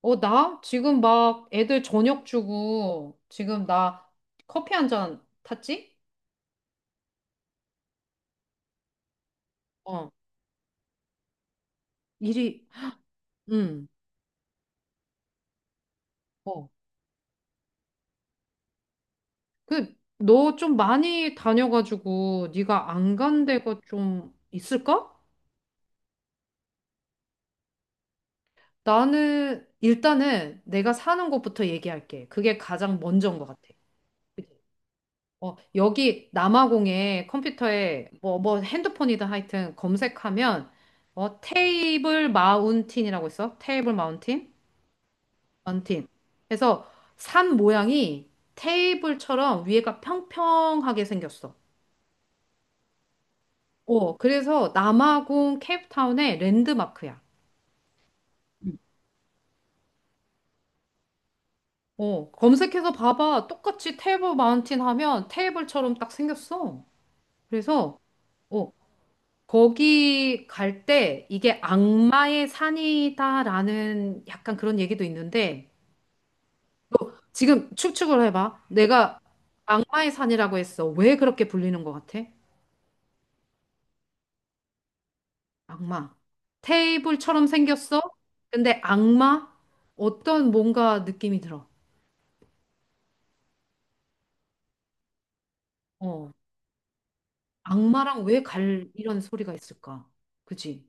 어, 나? 지금 막 애들 저녁 주고, 지금 나 커피 한 잔 탔지? 어, 일이, 응, 어. 그, 너 좀 많이 다녀가지고, 네가 안 간 데가 좀 있을까? 나는, 일단은 내가 사는 곳부터 얘기할게. 그게 가장 먼저인 것 같아. 그치? 여기 남아공에 컴퓨터에 뭐 핸드폰이든 하여튼 검색하면, 테이블 마운틴이라고 있어? 테이블 마운틴? 원팀. 그래서 산 모양이 테이블처럼 위에가 평평하게 생겼어. 그래서 남아공 케이프타운의 랜드마크야. 검색해서 봐봐. 똑같이 테이블 마운틴 하면 테이블처럼 딱 생겼어. 그래서, 어, 거기 갈 때 이게 악마의 산이다라는 약간 그런 얘기도 있는데 지금 추측을 해봐. 내가 악마의 산이라고 했어. 왜 그렇게 불리는 것 같아? 악마. 테이블처럼 생겼어? 근데 악마? 어떤 뭔가 느낌이 들어. 어. 악마랑 왜 갈 이런 소리가 있을까? 그지?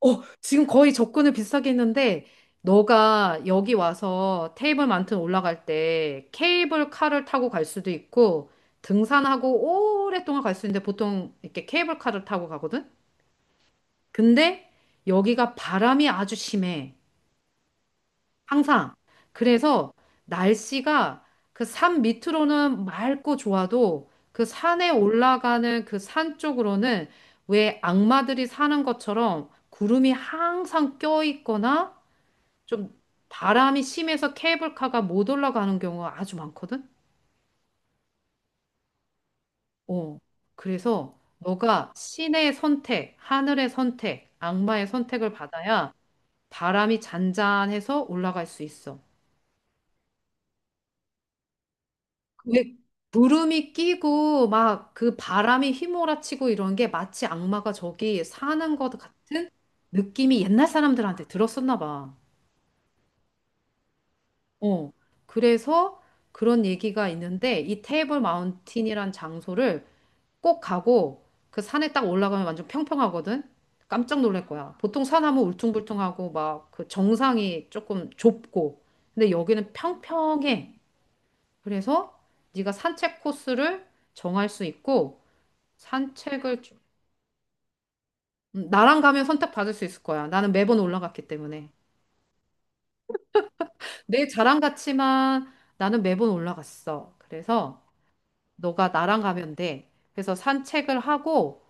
지금 거의 접근을 비슷하게 했는데, 너가 여기 와서 테이블 만튼 올라갈 때 케이블 카를 타고 갈 수도 있고, 등산하고 오랫동안 갈 수 있는데 보통 이렇게 케이블 카를 타고 가거든? 근데 여기가 바람이 아주 심해. 항상. 그래서 날씨가 그 산 밑으로는 맑고 좋아도 그 산에 올라가는 그 산 쪽으로는 왜 악마들이 사는 것처럼 구름이 항상 껴있거나 좀 바람이 심해서 케이블카가 못 올라가는 경우가 아주 많거든? 어. 그래서 너가 신의 선택, 하늘의 선택, 악마의 선택을 받아야 바람이 잔잔해서 올라갈 수 있어. 왜 구름이 끼고 막 그 바람이 휘몰아치고 이런 게 마치 악마가 저기 사는 것 같은 느낌이 옛날 사람들한테 들었었나 봐. 어. 그래서 그런 얘기가 있는데 이 테이블 마운틴이란 장소를 꼭 가고 그 산에 딱 올라가면 완전 평평하거든. 깜짝 놀랄 거야. 보통 산 하면 울퉁불퉁하고 막 그 정상이 조금 좁고 근데 여기는 평평해. 그래서 네가 산책 코스를 정할 수 있고 산책을 나랑 가면 선택받을 수 있을 거야. 나는 매번 올라갔기 때문에. 내 자랑 같지만 나는 매번 올라갔어. 그래서 너가 나랑 가면 돼. 그래서 산책을 하고,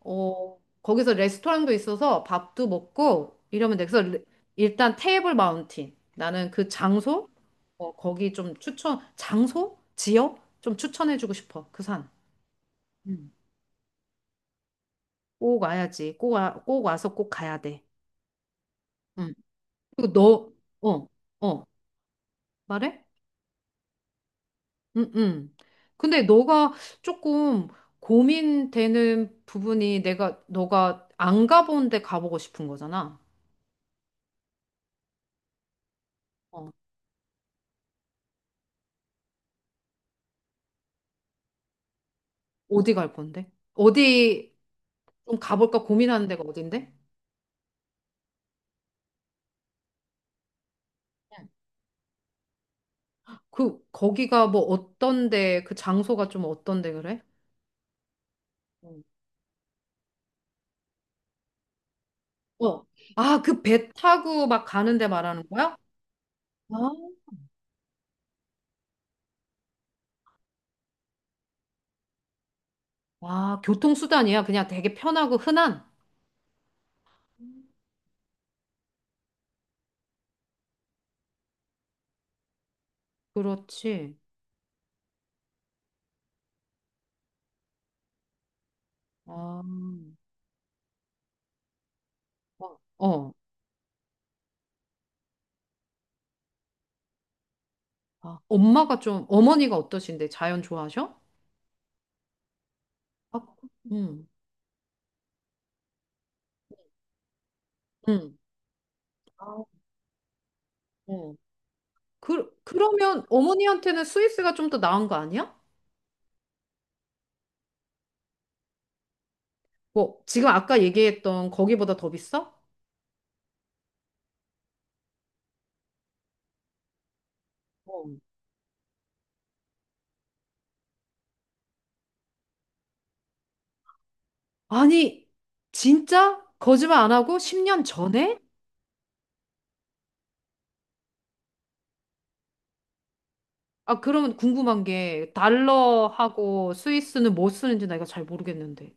거기서 레스토랑도 있어서 밥도 먹고 이러면 돼. 그래서 일단 테이블 마운틴. 나는 그 장소, 거기 좀 추천, 장소? 지역? 좀 추천해주고 싶어. 그 산. 음. 꼭 와야지. 꼭 와, 꼭 와서 꼭 가야 돼. 음. 그리고 너, 어. 어. 말해? 응, 응. 근데 너가 조금 고민되는 부분이 내가, 너가 안 가본 데 가보고 싶은 거잖아. 어. 어디 갈 건데? 어디 좀 가볼까 고민하는 데가 어딘데? 응. 그, 거기가 뭐 어떤데, 그 장소가 좀 어떤데 그래? 응. 어. 아, 그 배 타고 막 가는데 말하는 거야? 아, 아, 교통수단이야. 그냥 되게 편하고 흔한? 그렇지. 아, 어. 어. 아, 엄마가 좀, 어머니가 어떠신데? 자연 좋아하셔? 아, 응, 응. 아, 어. 그러면 어머니한테는 스위스가 좀 더 나은 거 아니야? 뭐, 지금 아까 얘기했던 거기보다 더 비싸? 어. 아니, 진짜? 거짓말 안 하고 10년 전에? 아, 그러면 궁금한 게, 달러하고 스위스는 뭐 쓰는지 나이가잘 모르겠는데.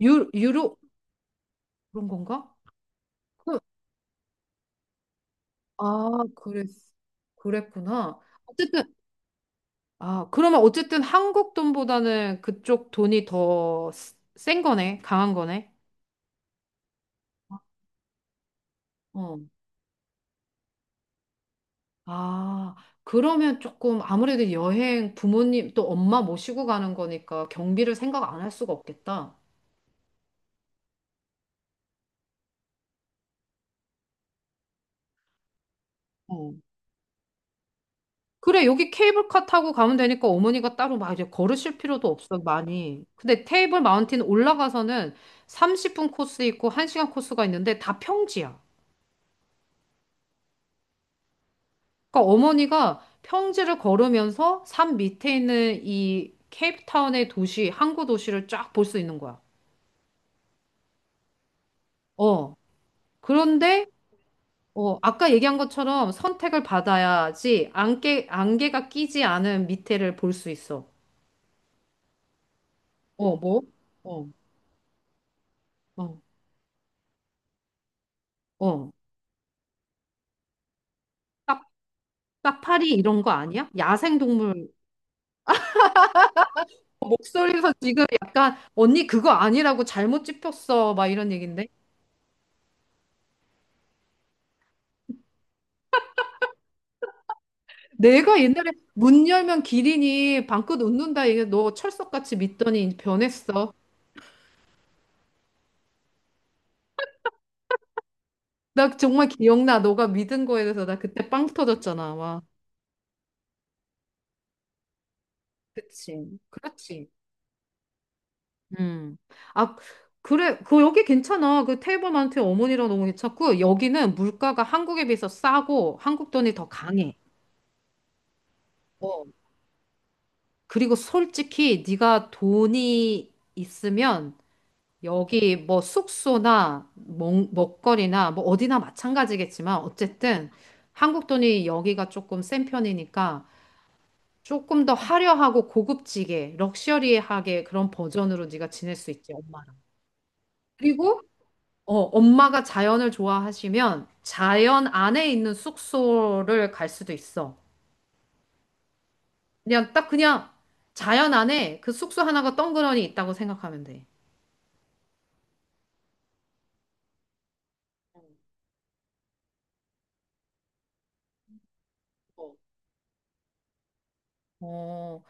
유로? 그런 건가? 그- 아, 그랬, 그랬구나. 어쨌든 아, 그러면 어쨌든 한국 돈보다는 그쪽 돈이 더 센 거네, 강한 거네. 어. 아, 그러면 조금 아무래도 여행 부모님 또 엄마 모시고 가는 거니까 경비를 생각 안 할 수가 없겠다. 어. 그래, 여기 케이블카 타고 가면 되니까 어머니가 따로 막 이제 걸으실 필요도 없어, 많이. 근데 테이블 마운틴 올라가서는 30분 코스 있고 1시간 코스가 있는데 다 평지야. 그러니까 어머니가 평지를 걸으면서 산 밑에 있는 이 케이프타운의 도시, 항구 도시를 쫙 볼 수 있는 거야. 어. 그런데 아까 얘기한 것처럼 선택을 받아야지 안개 안개가 끼지 않은 밑에를 볼 수 있어. 어, 뭐? 어, 어, 어. 파리 이런 거 아니야? 야생동물. 목소리에서 지금 약간 언니 그거 아니라고 잘못 짚였어. 막 이런 얘긴데. 내가 옛날에 문 열면 기린이 방긋 웃는다 이게 너 철석같이 믿더니 변했어. 나 정말 기억나. 너가 믿은 거에 대해서 나 그때 빵 터졌잖아. 와. 그치. 그렇지. 음. 아, 그래. 그 여기 괜찮아. 그 테이블만트 어머니랑 너무 괜찮고 여기는 물가가 한국에 비해서 싸고 한국 돈이 더 강해. 어, 그리고 솔직히 네가 돈이 있으면 여기 뭐 숙소나 먹거리나 뭐 어디나 마찬가지겠지만 어쨌든 한국 돈이 여기가 조금 센 편이니까 조금 더 화려하고 고급지게 럭셔리하게 그런 버전으로 네가 지낼 수 있지 엄마랑. 그리고 엄마가 자연을 좋아하시면 자연 안에 있는 숙소를 갈 수도 있어. 그냥 딱 그냥 자연 안에 그 숙소 하나가 덩그러니 있다고 생각하면 돼. 어.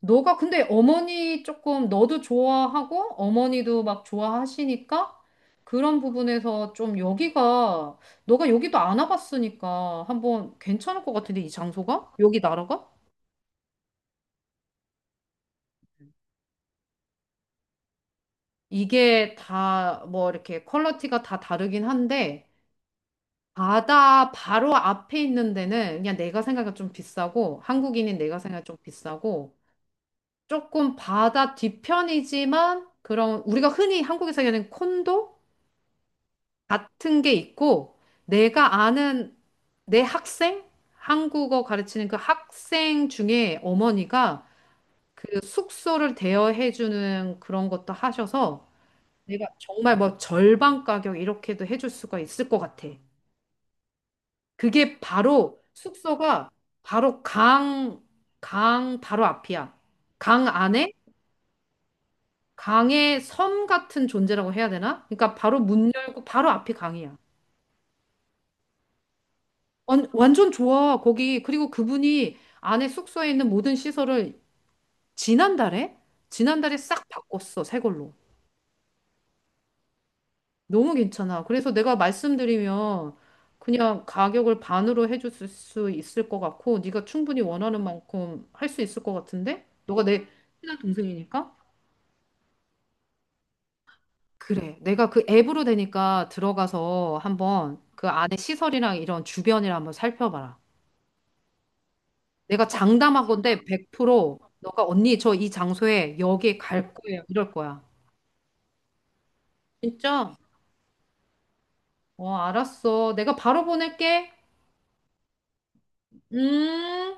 너가 근데 어머니 조금 너도 좋아하고 어머니도 막 좋아하시니까 그런 부분에서 좀 여기가 너가 여기도 안 와봤으니까 한번 괜찮을 것 같은데 이 장소가? 여기 나라가? 이게 다 뭐 이렇게 퀄리티가 다 다르긴 한데 바다 바로 앞에 있는 데는 그냥 내가 생각해 좀 비싸고 한국인인 내가 생각해 좀 비싸고 조금 바다 뒤편이지만 그런 우리가 흔히 한국에서 얘기하는 콘도? 같은 게 있고, 내가 아는 내 학생? 한국어 가르치는 그 학생 중에 어머니가 그 숙소를 대여해 주는 그런 것도 하셔서 내가 정말 뭐 절반 가격 이렇게도 해줄 수가 있을 것 같아. 그게 바로 숙소가 바로 강, 강 바로 앞이야. 강 안에 강의 섬 같은 존재라고 해야 되나? 그러니까 바로 문 열고 바로 앞이 강이야. 완전 좋아, 거기. 그리고 그분이 안에 숙소에 있는 모든 시설을 지난달에? 지난달에 싹 바꿨어, 새 걸로. 너무 괜찮아. 그래서 내가 말씀드리면 그냥 가격을 반으로 해줄 수 있을 것 같고, 네가 충분히 원하는 만큼 할 수 있을 것 같은데? 너가 내 친한 동생이니까? 그래. 내가 그 앱으로 되니까 들어가서 한번 그 안에 시설이랑 이런 주변이랑 한번 살펴봐라. 내가 장담하건데 100% 너가 언니 저 이 장소에 여기 갈 거예요. 이럴 거야. 진짜? 어, 알았어. 내가 바로 보낼게. 음.